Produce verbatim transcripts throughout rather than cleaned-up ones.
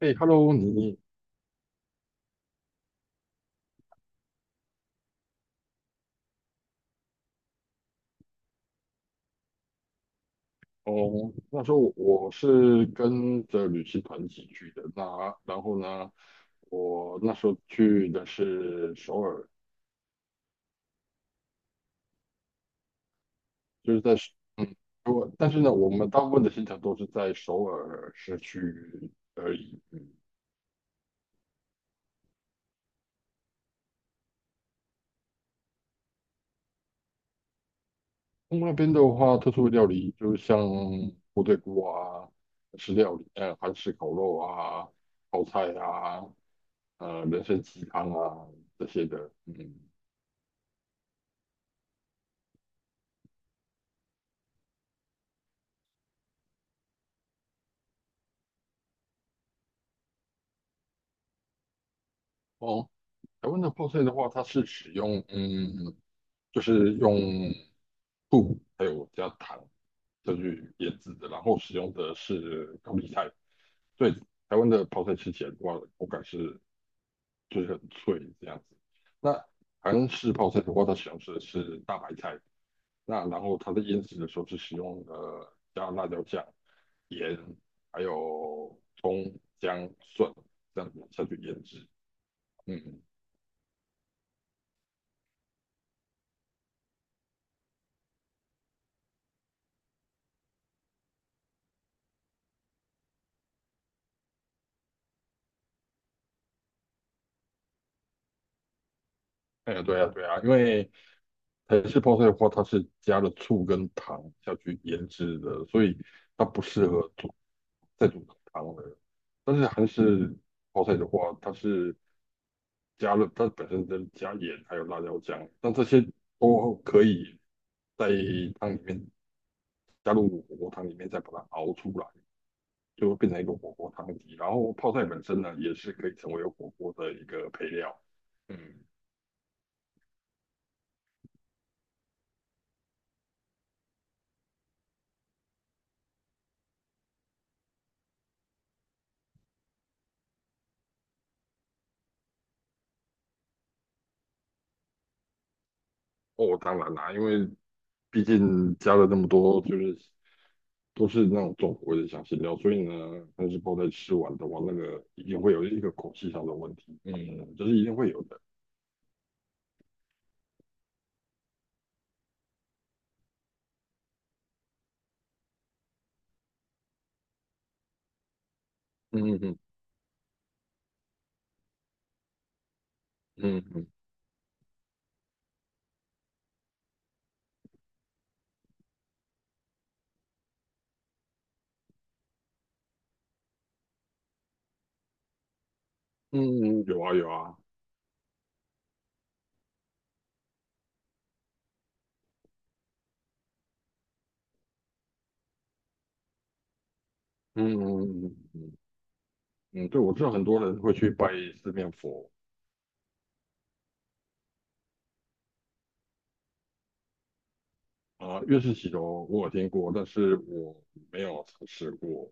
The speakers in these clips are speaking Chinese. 哎，Hello，你哦，那时候我是跟着旅行团一起去的。那然后呢，我那时候去的是首尔，就是在嗯，我但是呢，我们大部分的行程都是在首尔市区而已。嗯，那边的话，特殊的料理就是像部队锅啊，吃料理，呃，韩式烤肉啊，泡菜啊，呃，人参鸡汤啊这些的。嗯，哦。台湾的泡菜的话，它是使用嗯，就是用布还有加糖再去腌制的，然后使用的是高丽菜，所以台湾的泡菜吃起来的话，口感是就是很脆这样子。那韩式泡菜的话，它使用的是大白菜，那然后它在腌制的时候是使用呃加辣椒酱、盐还有葱、姜、蒜这样子下去腌制。嗯，哎呀，对呀，对呀，因为台式泡菜的话，它是加了醋跟糖下去腌制的，所以它不适合煮再煮汤了。但是韩式泡菜的话，它是加了它本身的加盐还有辣椒酱，但这些都可以在汤里面加入火锅汤里面再把它熬出来，就会变成一个火锅汤底。然后泡菜本身呢，也是可以成为火锅的一个配料。嗯。哦，当然啦，因为毕竟加了那么多，就是都是那种重口味的香辛料，所以呢，但是泡在吃完的话，那个一定会有一个口气上的问题，嗯，这是一定会有的，嗯嗯嗯嗯嗯，有啊有啊，嗯嗯嗯嗯嗯，对，我知道很多人会去拜四面佛啊，月式洗头我有听过，但是我没有尝试过，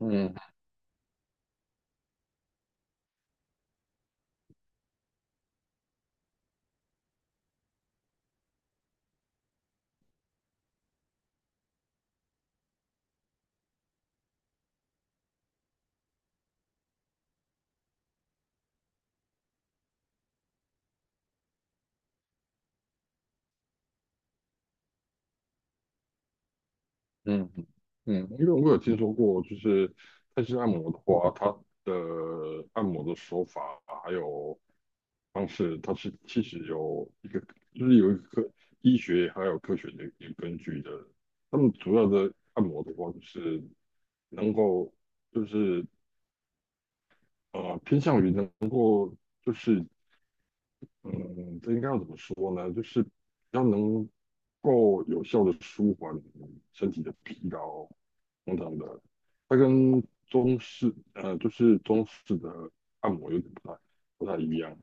嗯嗯嗯，因为我有听说过，就是泰式按摩的话，它的按摩的手法还有方式，它是其实有一个，就是有一个科医学还有科学的一个根据的。他们主要的按摩的话，就是能够就是呃偏向于能嗯，这应该要怎么说呢？就是要能够有效的舒缓身体的疲劳等等的。它跟中式呃，就是中式的按摩有点不太不太一样。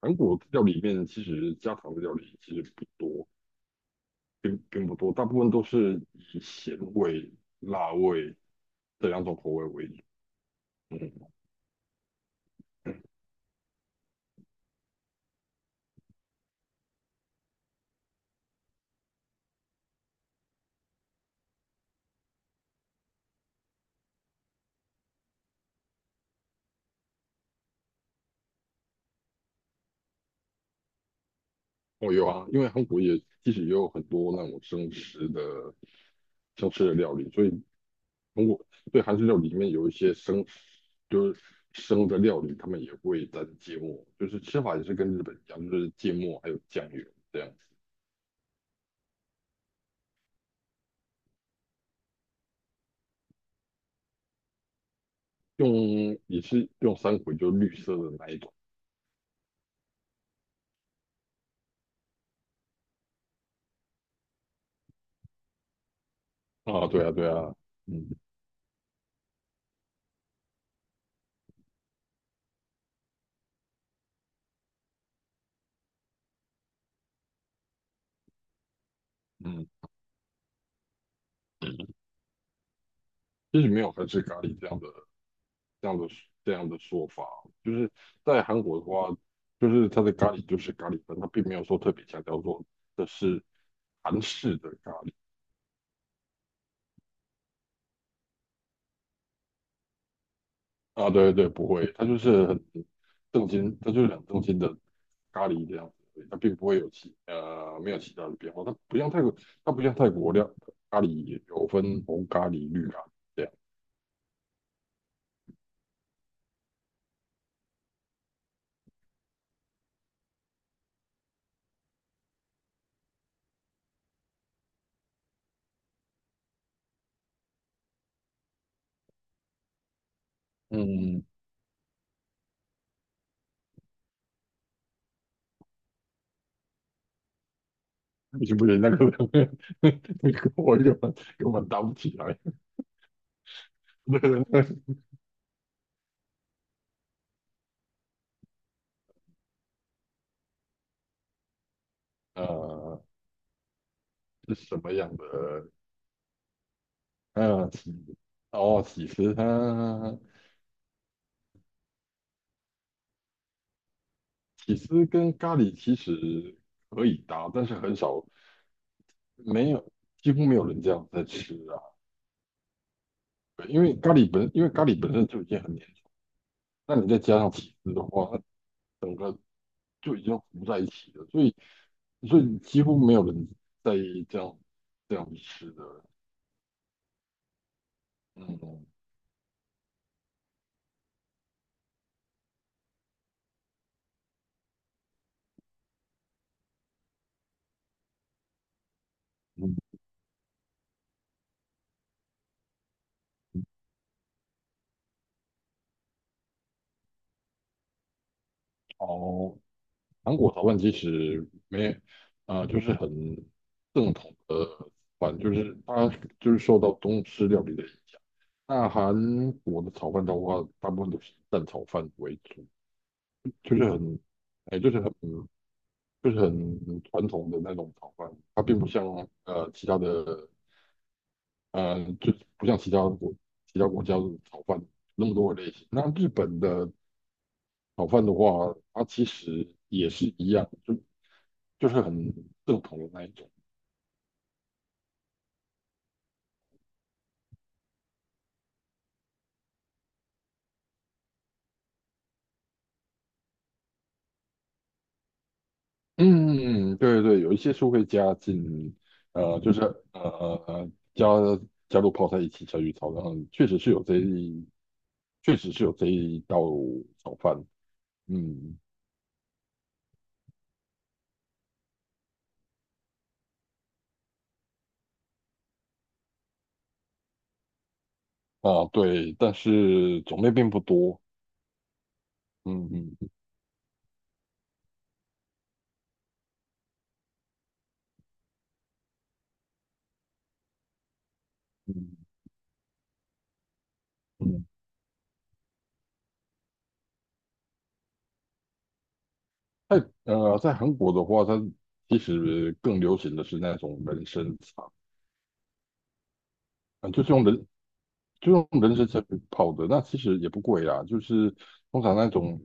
韩国料理里面其实家常的料理其实不多，并并不多，大部分都是以咸味、辣味这两种口味为主。嗯，我有啊，因为韩国也其实也有很多那种生食的生吃的料理，所以。通过对韩式料理里面有一些生，就是生的料理，他们也会沾芥末，就是吃法也是跟日本一样，就是芥末还有酱油这样子，用也是用三葵，就绿色的那一种啊，对啊对啊，嗯嗯，其实没有韩式咖喱这样的这样的这样的说法，就是在韩国的话，就是它的咖喱就是咖喱粉，它并没有说特别强调说这是韩式的咖喱。啊，对对，不会，它就是很正经，它就是很正经的咖喱这样子而已，它并不会有其呃没有其他的变化，它不像泰国，它不像泰国料咖喱有分红咖喱、绿咖喱这样，嗯，不行不行，那个 那个我根本根本搭不起来，对对对，呃，是什么样的？呃，起哦，起司它起司跟咖喱其实可以搭，但是很少。没有，几乎没有人这样在吃啊。对因为咖喱本，因为咖喱本身就已经很粘，那你再加上起司的话，它整个就已经糊在一起了，所以所以几乎没有人在意这样这样吃的。嗯嗯，哦，韩国炒饭其实没啊、呃就是很正统的饭，就是它就是受到中式料理的影响。那韩国的炒饭的话，大部分都是以蛋炒饭为主。就是很，哎，就是很，就是很传统的那种炒饭，它并不像呃其他的，呃，就不像其他国其他国家的炒饭那么多的类型。那日本的炒饭的话，它其实也是一样，就就是很正统的那一种。嗯，对对，有一些是会加进，呃，就是呃呃加加入泡菜一起下去炒，然后确实是有这一，确实是有这一道炒饭。嗯，啊，对，但是种类并不多。嗯嗯嗯嗯，在呃，在韩国的话，它其实更流行的是那种人参茶，嗯，就是用人就用人参茶去泡的，那其实也不贵啦，就是通常那种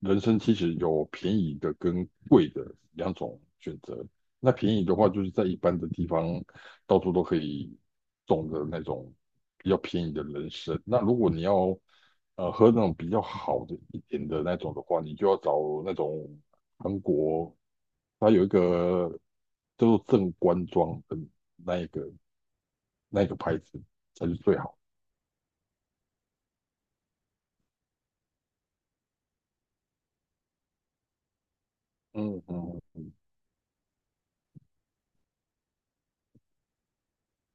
人参其实有便宜的跟贵的两种选择。那便宜的话，就是在一般的地方到处都可以种的那种比较便宜的人参。那如果你要呃喝那种比较好的一点的那种的话，你就要找那种韩国，它有一个叫做正官庄的那一个那一个牌子才是最好。嗯嗯，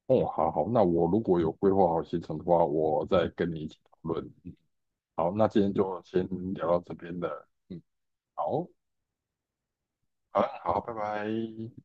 哦，好好，那我如果有规划好行程的话，我再跟你一起讨论。好，那今天就先聊到这边了。嗯，好，好，好，拜拜。